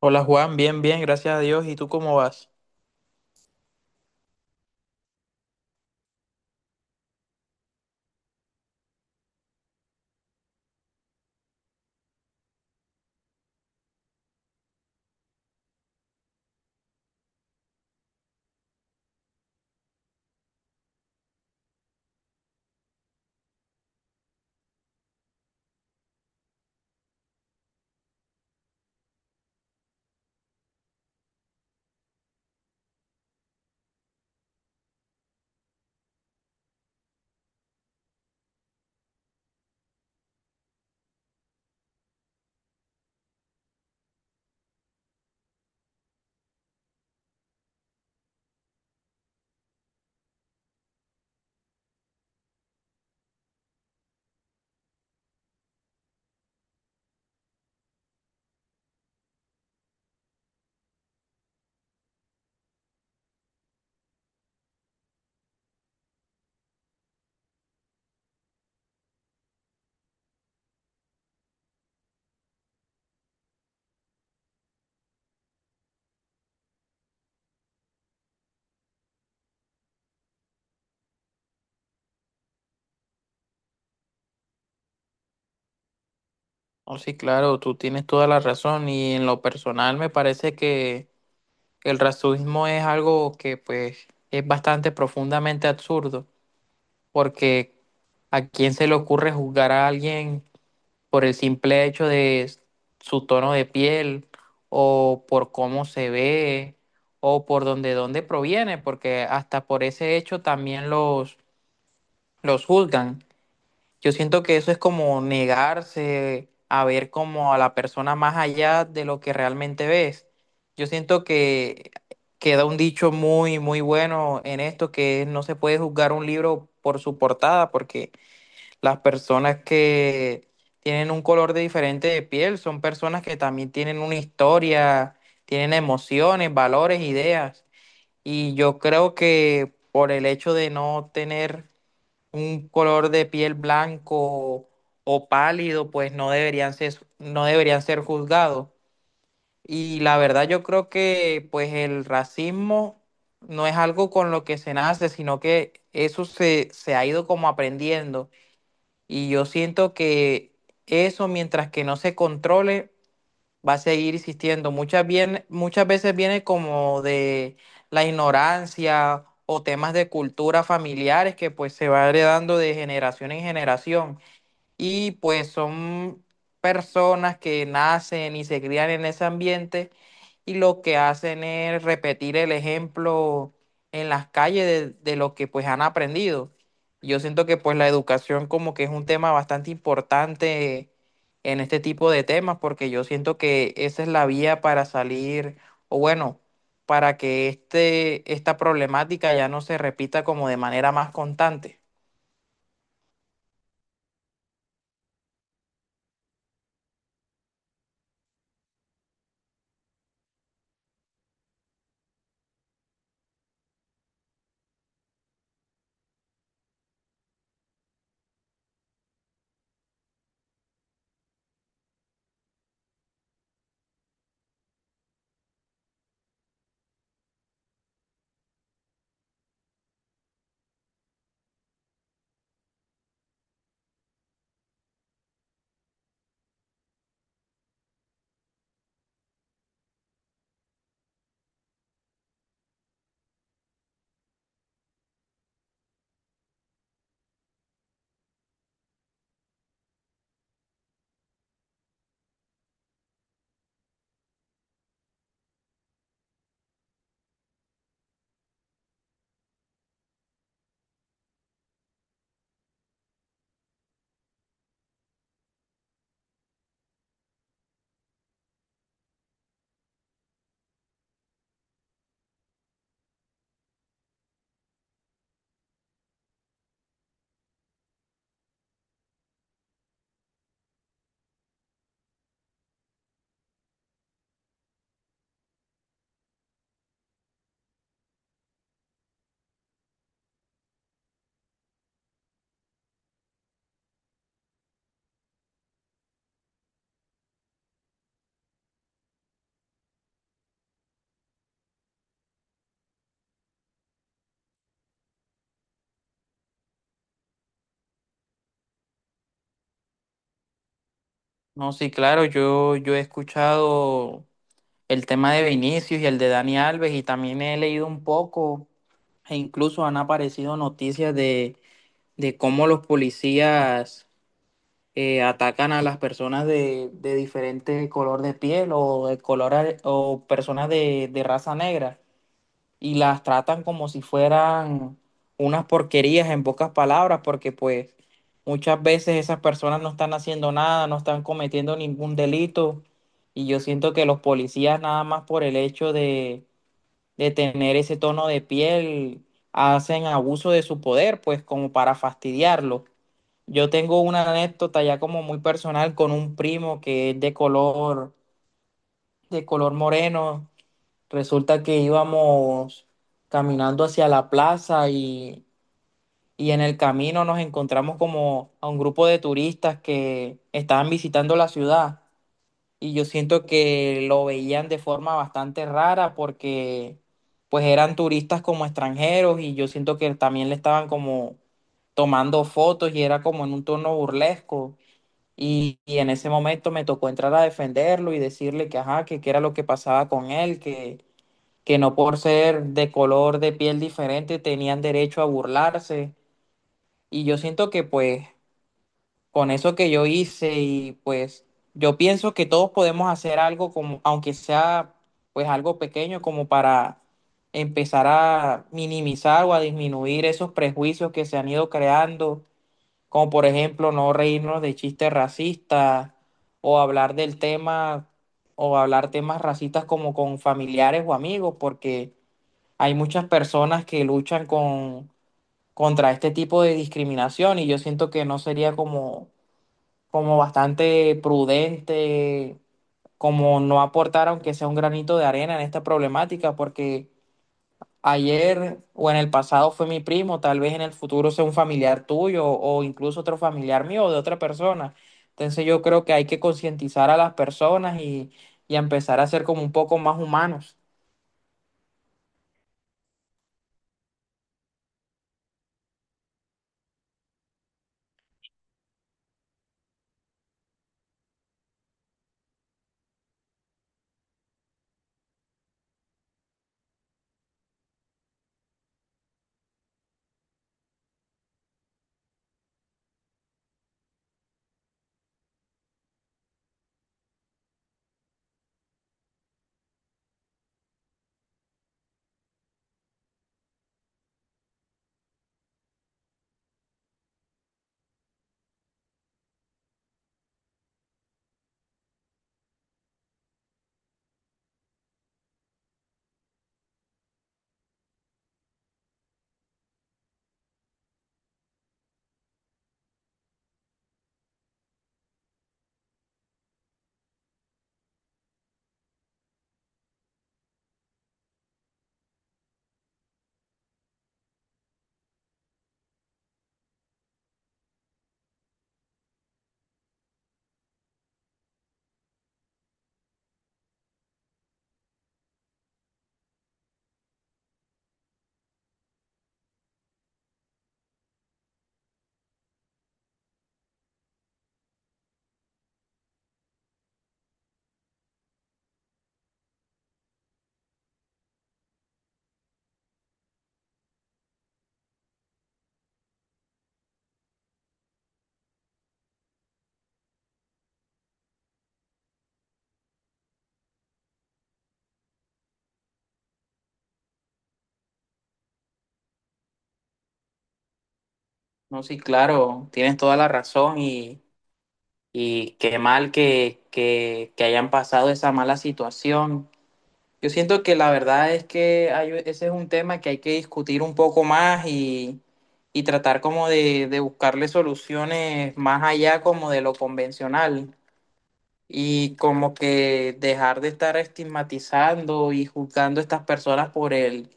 Hola Juan, bien, bien, gracias a Dios. ¿Y tú cómo vas? Oh, sí, claro, tú tienes toda la razón y en lo personal me parece que el racismo es algo que, pues, es bastante profundamente absurdo porque ¿a quién se le ocurre juzgar a alguien por el simple hecho de su tono de piel, o por cómo se ve, o por dónde proviene? Porque hasta por ese hecho también los juzgan. Yo siento que eso es como negarse a ver como a la persona más allá de lo que realmente ves. Yo siento que queda un dicho muy, muy bueno en esto, que no se puede juzgar un libro por su portada, porque las personas que tienen un color de diferente de piel son personas que también tienen una historia, tienen emociones, valores, ideas. Y yo creo que por el hecho de no tener un color de piel blanco o pálido, pues no deberían ser, no deberían ser juzgados. Y la verdad yo creo que pues el racismo no es algo con lo que se nace, sino que eso se ha ido como aprendiendo. Y yo siento que eso, mientras que no se controle, va a seguir existiendo. Muchas veces viene como de la ignorancia o temas de cultura familiares que pues se va heredando de generación en generación, y pues son personas que nacen y se crían en ese ambiente, y lo que hacen es repetir el ejemplo en las calles de lo que pues han aprendido. Yo siento que pues la educación como que es un tema bastante importante en este tipo de temas, porque yo siento que esa es la vía para salir o, bueno, para que esta problemática ya no se repita como de manera más constante. No, sí, claro, yo he escuchado el tema de Vinicius y el de Dani Alves, y también he leído un poco e incluso han aparecido noticias de cómo los policías atacan a las personas de diferente color de piel o de color o personas de raza negra, y las tratan como si fueran unas porquerías, en pocas palabras, porque pues muchas veces esas personas no están haciendo nada, no están cometiendo ningún delito, y yo siento que los policías nada más por el hecho de tener ese tono de piel hacen abuso de su poder, pues, como para fastidiarlo. Yo tengo una anécdota ya como muy personal con un primo que es de color moreno. Resulta que íbamos caminando hacia la plaza y en el camino nos encontramos como a un grupo de turistas que estaban visitando la ciudad, y yo siento que lo veían de forma bastante rara porque pues eran turistas como extranjeros, y yo siento que también le estaban como tomando fotos y era como en un tono burlesco. Y en ese momento me tocó entrar a defenderlo y decirle que, ajá, que qué era lo que pasaba con él, que no por ser de color de piel diferente tenían derecho a burlarse. Y yo siento que pues, con eso que yo hice, y pues yo pienso que todos podemos hacer algo como, aunque sea pues algo pequeño, como para empezar a minimizar o a disminuir esos prejuicios que se han ido creando, como por ejemplo no reírnos de chistes racistas, o hablar del tema, o hablar temas racistas como con familiares o amigos, porque hay muchas personas que luchan contra este tipo de discriminación, y yo siento que no sería como, como bastante prudente, como no aportar aunque sea un granito de arena en esta problemática, porque ayer o en el pasado fue mi primo, tal vez en el futuro sea un familiar tuyo o incluso otro familiar mío o de otra persona. Entonces yo creo que hay que concientizar a las personas y empezar a ser como un poco más humanos. No, sí, claro, tienes toda la razón, y... Y qué mal que hayan pasado esa mala situación. Yo siento que la verdad es que ese es un tema que hay que discutir un poco más y tratar como de buscarle soluciones más allá como de lo convencional, y como que dejar de estar estigmatizando y juzgando a estas personas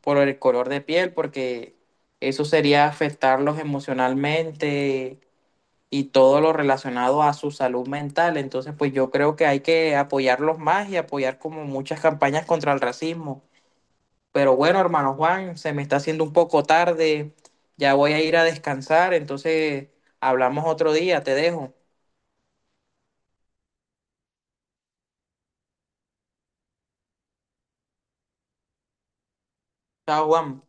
por el color de piel, porque eso sería afectarlos emocionalmente y todo lo relacionado a su salud mental. Entonces, pues yo creo que hay que apoyarlos más y apoyar como muchas campañas contra el racismo. Pero bueno, hermano Juan, se me está haciendo un poco tarde, ya voy a ir a descansar, entonces hablamos otro día, te dejo. Chao, Juan.